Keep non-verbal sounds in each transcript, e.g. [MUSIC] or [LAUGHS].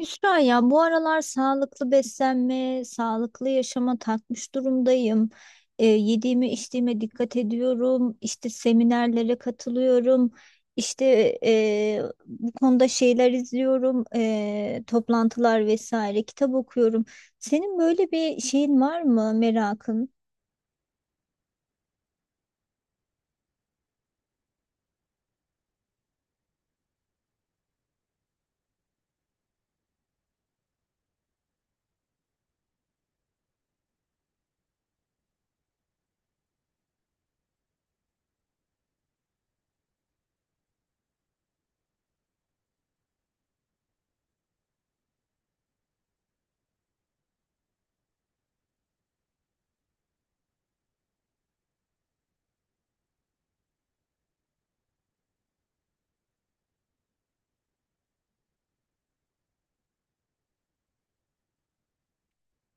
Hüsra ya, bu aralar sağlıklı beslenme, sağlıklı yaşama takmış durumdayım. Yediğime içtiğime dikkat ediyorum. İşte seminerlere katılıyorum. İşte bu konuda şeyler izliyorum, toplantılar vesaire. Kitap okuyorum. Senin böyle bir şeyin var mı, merakın?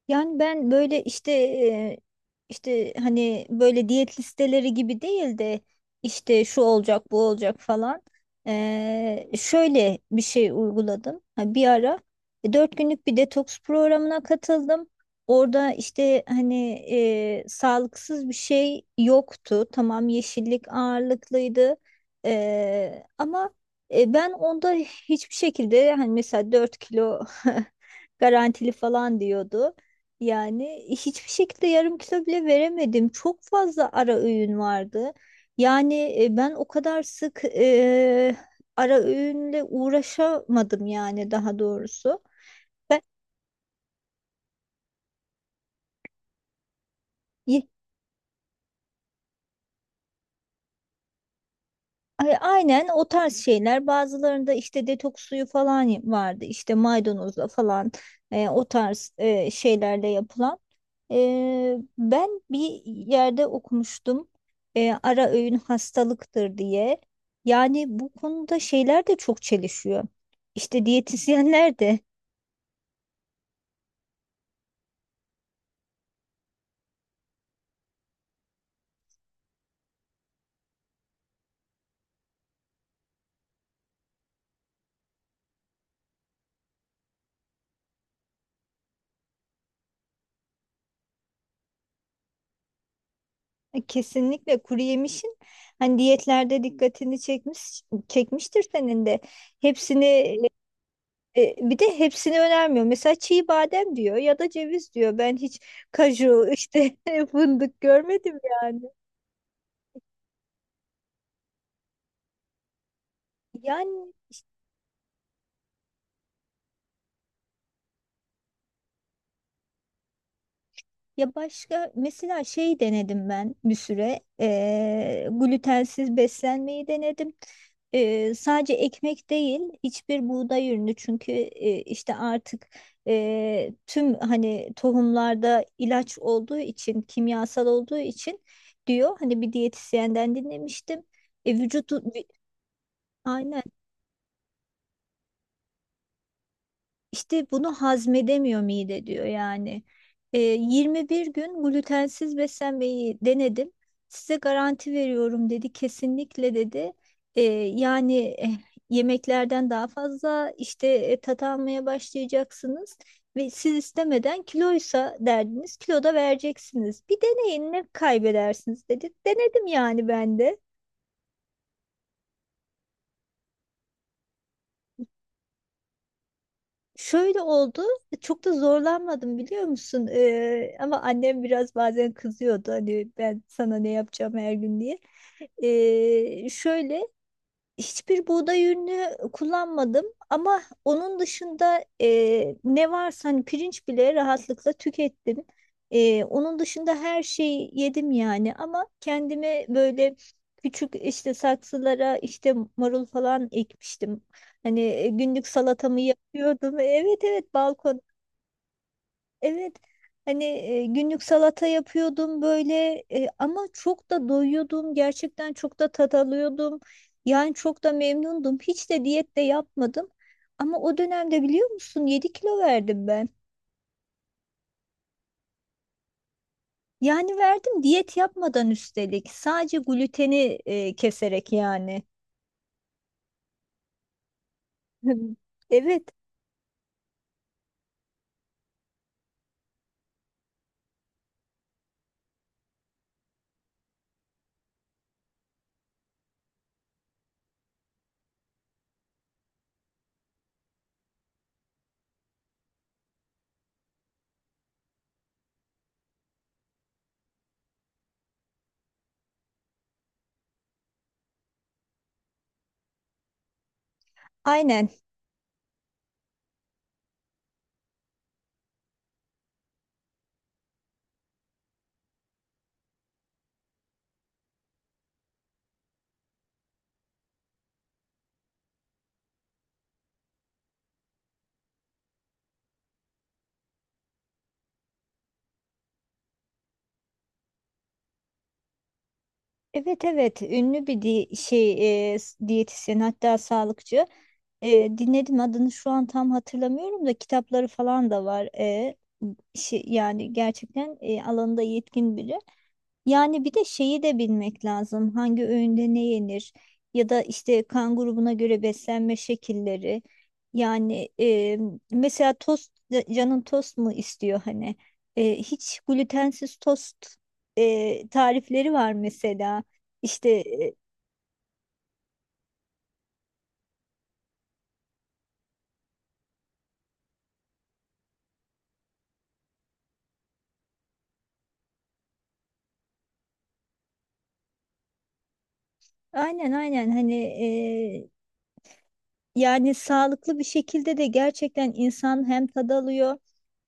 Yani ben böyle işte işte hani böyle diyet listeleri gibi değil de işte şu olacak bu olacak falan. Şöyle bir şey uyguladım. Ha, bir ara 4 günlük bir detoks programına katıldım. Orada işte hani sağlıksız bir şey yoktu. Tamam, yeşillik ağırlıklıydı. Ama ben onda hiçbir şekilde, hani mesela 4 kilo [LAUGHS] garantili falan diyordu. Yani hiçbir şekilde yarım kilo bile veremedim. Çok fazla ara öğün vardı. Yani ben o kadar sık ara öğünle uğraşamadım, yani daha doğrusu. Ben aynen o tarz şeyler. Bazılarında işte detoks suyu falan vardı. İşte maydanozla falan o tarz şeylerle yapılan. E, ben bir yerde okumuştum. E, ara öğün hastalıktır diye. Yani bu konuda şeyler de çok çelişiyor. İşte diyetisyenler de [LAUGHS] kesinlikle kuru yemişin hani diyetlerde dikkatini çekmiştir senin de. Hepsini, bir de hepsini önermiyor. Mesela çiğ badem diyor ya da ceviz diyor. Ben hiç kaju, işte [LAUGHS] fındık görmedim yani. Yani ya, başka mesela şey denedim, ben bir süre glutensiz beslenmeyi denedim. Sadece ekmek değil, hiçbir buğday ürünü, çünkü işte artık tüm hani tohumlarda ilaç olduğu için, kimyasal olduğu için diyor, hani bir diyetisyenden dinlemiştim. E, vücut, aynen. İşte bunu hazmedemiyor mide, diyor yani. E, 21 gün glutensiz beslenmeyi denedim. Size garanti veriyorum, dedi. Kesinlikle, dedi. E, yani yemeklerden daha fazla işte tat almaya başlayacaksınız ve siz istemeden, kiloysa derdiniz, kilo da vereceksiniz. Bir deneyin, ne kaybedersiniz, dedi. Denedim yani ben de. Şöyle oldu, çok da zorlanmadım, biliyor musun? Ama annem biraz bazen kızıyordu, hani ben sana ne yapacağım her gün diye. Şöyle, hiçbir buğday ürünü kullanmadım ama onun dışında ne varsa, hani pirinç bile rahatlıkla tükettim. E, onun dışında her şeyi yedim yani, ama kendime böyle küçük işte saksılara işte marul falan ekmiştim. Hani günlük salatamı yapıyordum. Evet evet, balkon, evet hani, günlük salata yapıyordum böyle, ama çok da doyuyordum, gerçekten çok da tat alıyordum, yani çok da memnundum, hiç de diyet de yapmadım ama o dönemde biliyor musun, 7 kilo verdim ben. Yani verdim, diyet yapmadan üstelik, sadece gluteni keserek yani. [LAUGHS] Evet, aynen. Evet evet, ünlü bir şey, diyetisyen, hatta sağlıkçı. E, dinledim, adını şu an tam hatırlamıyorum da kitapları falan da var. E, şey, yani gerçekten alanında yetkin biri. Yani bir de şeyi de bilmek lazım. Hangi öğünde ne yenir? Ya da işte kan grubuna göre beslenme şekilleri. Yani mesela tost, canın tost mu istiyor hani? E, hiç glutensiz tost tarifleri var mesela. İşte aynen aynen hani, yani sağlıklı bir şekilde de gerçekten insan hem tad alıyor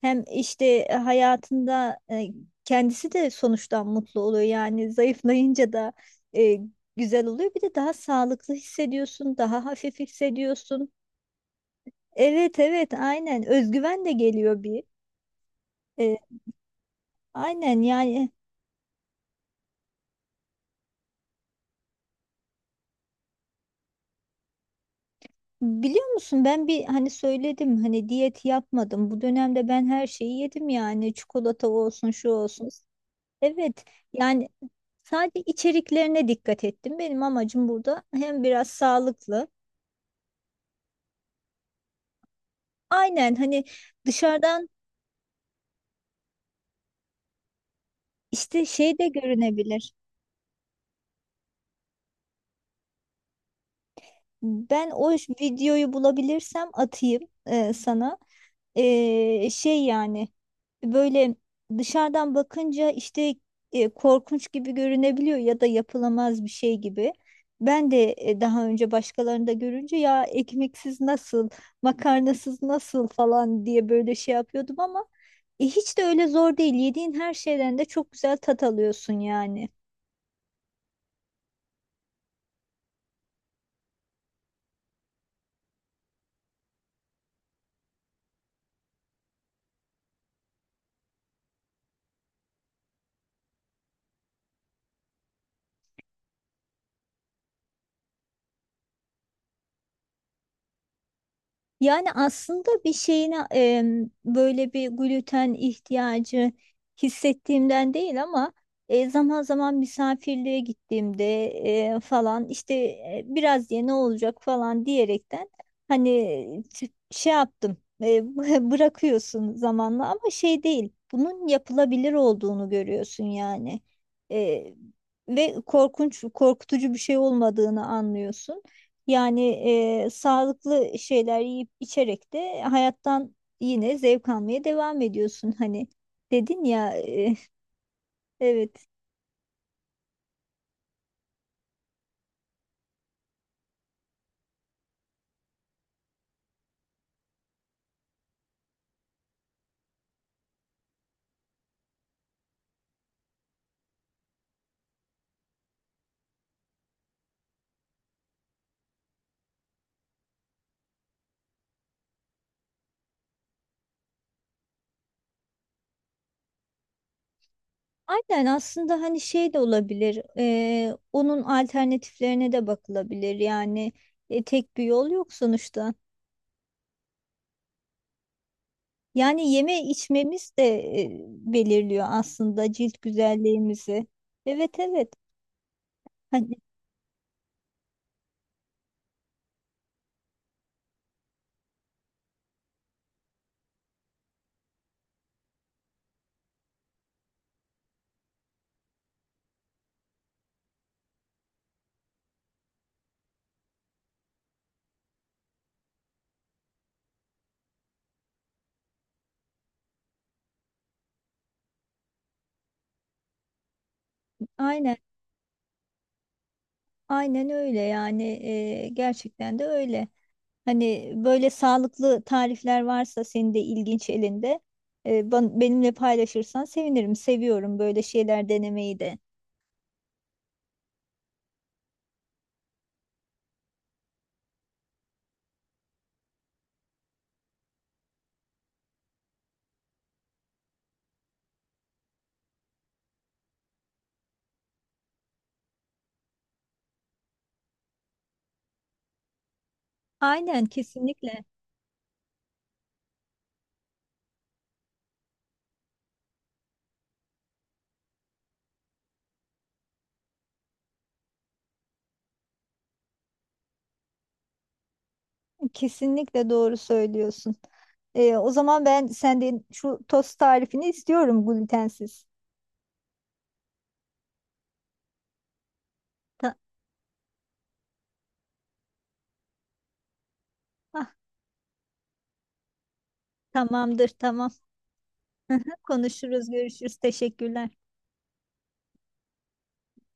hem işte hayatında kendisi de sonuçtan mutlu oluyor. Yani [LAUGHS] zayıflayınca da e, güzel oluyor. Bir de daha sağlıklı hissediyorsun, daha hafif hissediyorsun. Evet evet, aynen, özgüven de geliyor bir. E, aynen yani, biliyor musun ben bir, hani söyledim, hani diyet yapmadım. Bu dönemde ben her şeyi yedim yani, çikolata olsun şu olsun. Evet. Yani sadece içeriklerine dikkat ettim. Benim amacım burada hem biraz sağlıklı. Aynen hani dışarıdan işte şey de görünebilir. Ben o videoyu bulabilirsem atayım sana. Şey, yani böyle dışarıdan bakınca işte korkunç gibi görünebiliyor ya da yapılamaz bir şey gibi. Ben de daha önce başkalarını da görünce, ya ekmeksiz nasıl, makarnasız nasıl falan diye böyle şey yapıyordum ama hiç de öyle zor değil. Yediğin her şeyden de çok güzel tat alıyorsun yani. Yani aslında bir şeyine böyle bir gluten ihtiyacı hissettiğimden değil ama zaman zaman misafirliğe gittiğimde falan işte biraz diye ne olacak falan diyerekten, hani şey yaptım. e, [LAUGHS] Bırakıyorsun zamanla, ama şey değil, bunun yapılabilir olduğunu görüyorsun yani. E, ve korkunç, korkutucu bir şey olmadığını anlıyorsun. Yani sağlıklı şeyler yiyip içerek de hayattan yine zevk almaya devam ediyorsun. Hani dedin ya [LAUGHS] evet. Aynen, aslında hani şey de olabilir. Onun alternatiflerine de bakılabilir. Yani tek bir yol yok sonuçta. Yani yeme içmemiz de e, belirliyor aslında cilt güzelliğimizi. Evet evet. Hani aynen aynen öyle yani, gerçekten de öyle. Hani böyle sağlıklı tarifler varsa senin de ilginç elinde, benimle paylaşırsan sevinirim. Seviyorum böyle şeyler denemeyi de. Aynen, kesinlikle. Kesinlikle doğru söylüyorsun. E, o zaman ben senden şu tost tarifini istiyorum, glutensiz. Ta- ah, tamamdır, tamam. [LAUGHS] Konuşuruz, görüşürüz, teşekkürler.